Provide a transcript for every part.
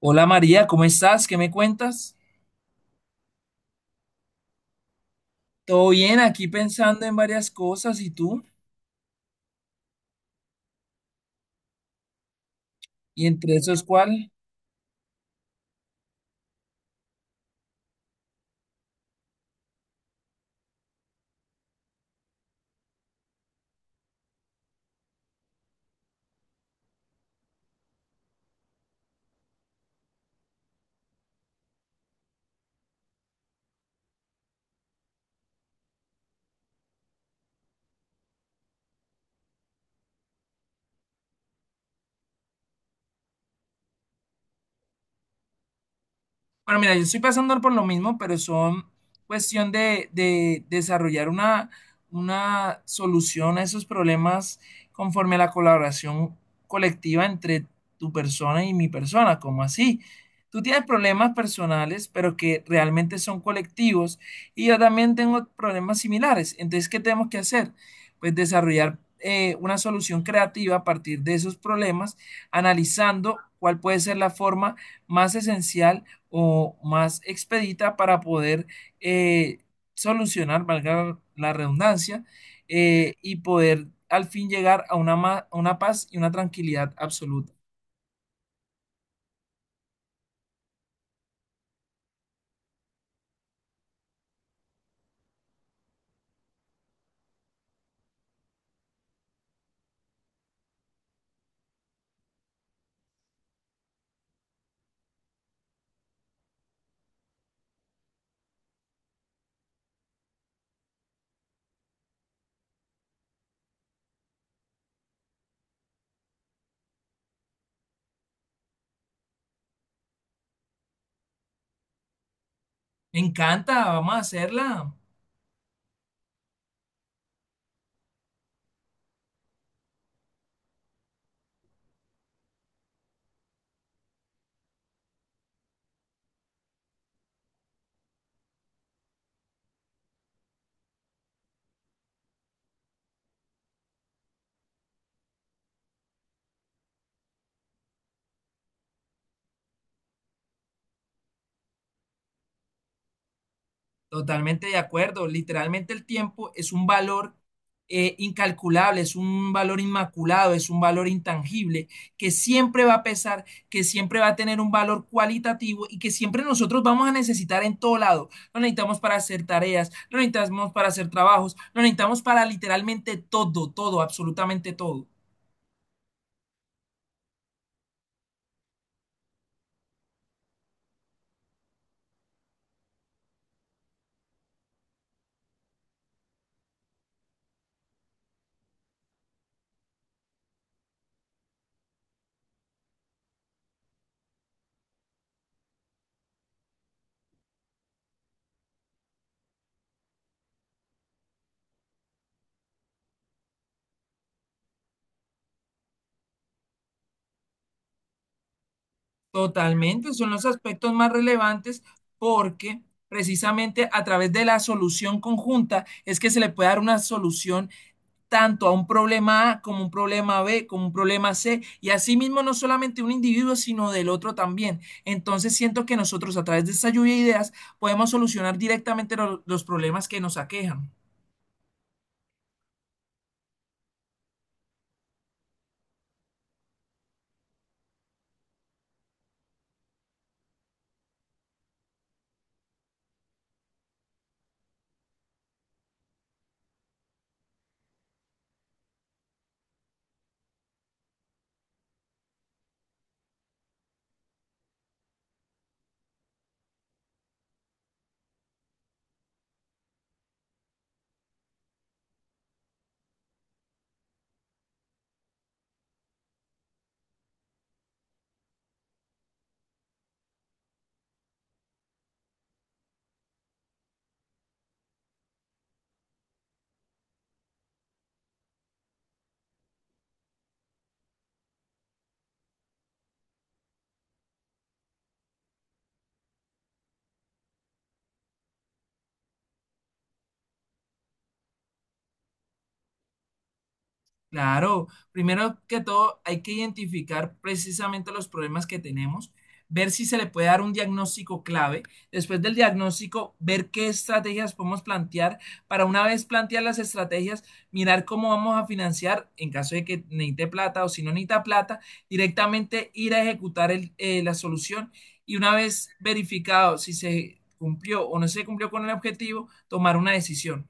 Hola María, ¿cómo estás? ¿Qué me cuentas? Todo bien, aquí pensando en varias cosas, ¿y tú? ¿Y entre esos cuál? Bueno, mira, yo estoy pasando por lo mismo, pero son cuestión de desarrollar una solución a esos problemas conforme a la colaboración colectiva entre tu persona y mi persona, como así. Tú tienes problemas personales, pero que realmente son colectivos, y yo también tengo problemas similares. Entonces, ¿qué tenemos que hacer? Pues desarrollar una solución creativa a partir de esos problemas, analizando cuál puede ser la forma más esencial o más expedita para poder eh, solucionar, valga la redundancia, y poder al fin llegar a una, a una paz y una tranquilidad absoluta. Me encanta, vamos a hacerla. Totalmente de acuerdo. Literalmente el tiempo es un valor incalculable, es un valor inmaculado, es un valor intangible que siempre va a pesar, que siempre va a tener un valor cualitativo y que siempre nosotros vamos a necesitar en todo lado. Lo necesitamos para hacer tareas, lo necesitamos para hacer trabajos, lo necesitamos para literalmente todo, todo, absolutamente todo. Totalmente, son los aspectos más relevantes porque precisamente a través de la solución conjunta es que se le puede dar una solución tanto a un problema A como un problema B, como un problema C, y asimismo no solamente un individuo, sino del otro también. Entonces siento que nosotros a través de esta lluvia de ideas podemos solucionar directamente los problemas que nos aquejan. Claro, primero que todo hay que identificar precisamente los problemas que tenemos, ver si se le puede dar un diagnóstico clave, después del diagnóstico ver qué estrategias podemos plantear, para una vez plantear las estrategias, mirar cómo vamos a financiar en caso de que necesite plata o si no necesita plata, directamente ir a ejecutar la solución y una vez verificado si se cumplió o no se cumplió con el objetivo, tomar una decisión.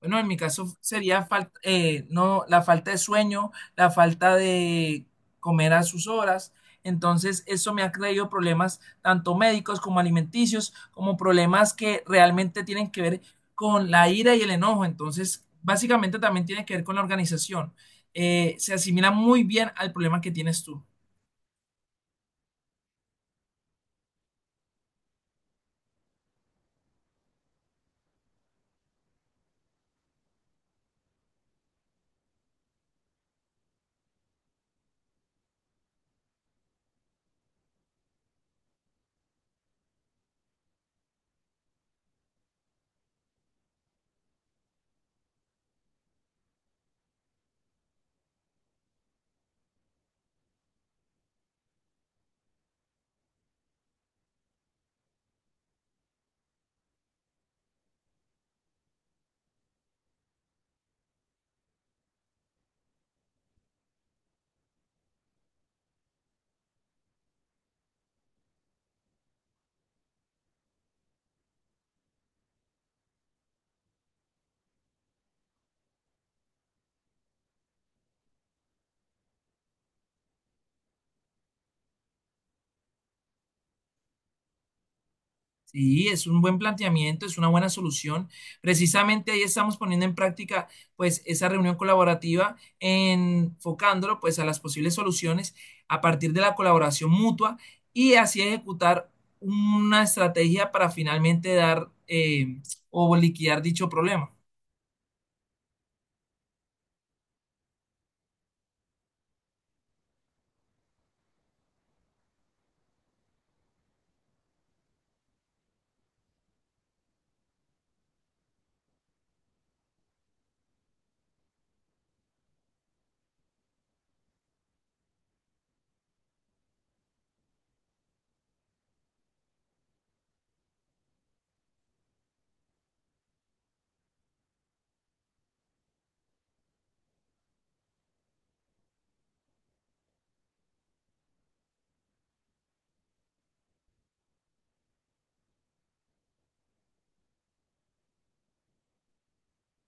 Bueno, en mi caso sería no, la falta de sueño, la falta de comer a sus horas. Entonces, eso me ha traído problemas tanto médicos como alimenticios, como problemas que realmente tienen que ver con la ira y el enojo. Entonces, básicamente también tiene que ver con la organización. Se asimila muy bien al problema que tienes tú. Sí, es un buen planteamiento, es una buena solución. Precisamente ahí estamos poniendo en práctica pues esa reunión colaborativa, enfocándolo pues a las posibles soluciones a partir de la colaboración mutua y así ejecutar una estrategia para finalmente dar o liquidar dicho problema.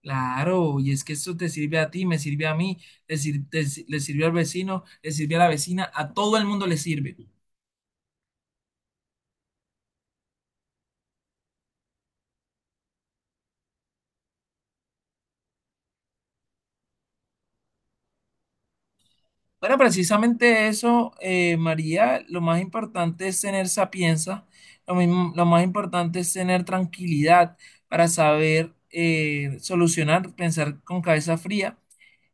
Claro, y es que esto te sirve a ti, me sirve a mí, le sir- te- si-, le sirve al vecino, le sirve a la vecina, a todo el mundo le sirve. Bueno, precisamente eso, María, lo más importante es tener sapienza, lo mismo, lo más importante es tener tranquilidad para saber solucionar, pensar con cabeza fría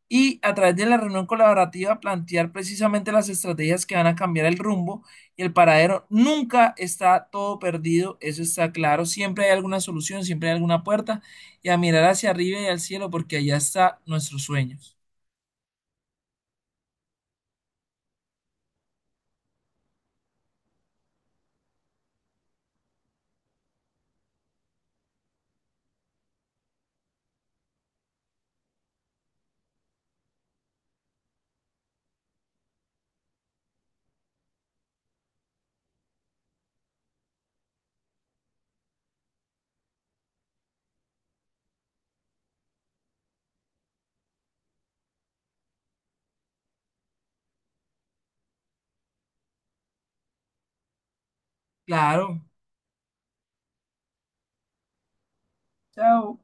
y a través de la reunión colaborativa plantear precisamente las estrategias que van a cambiar el rumbo y el paradero. Nunca está todo perdido, eso está claro, siempre hay alguna solución, siempre hay alguna puerta y a mirar hacia arriba y al cielo porque allá está nuestros sueños. Claro, chao.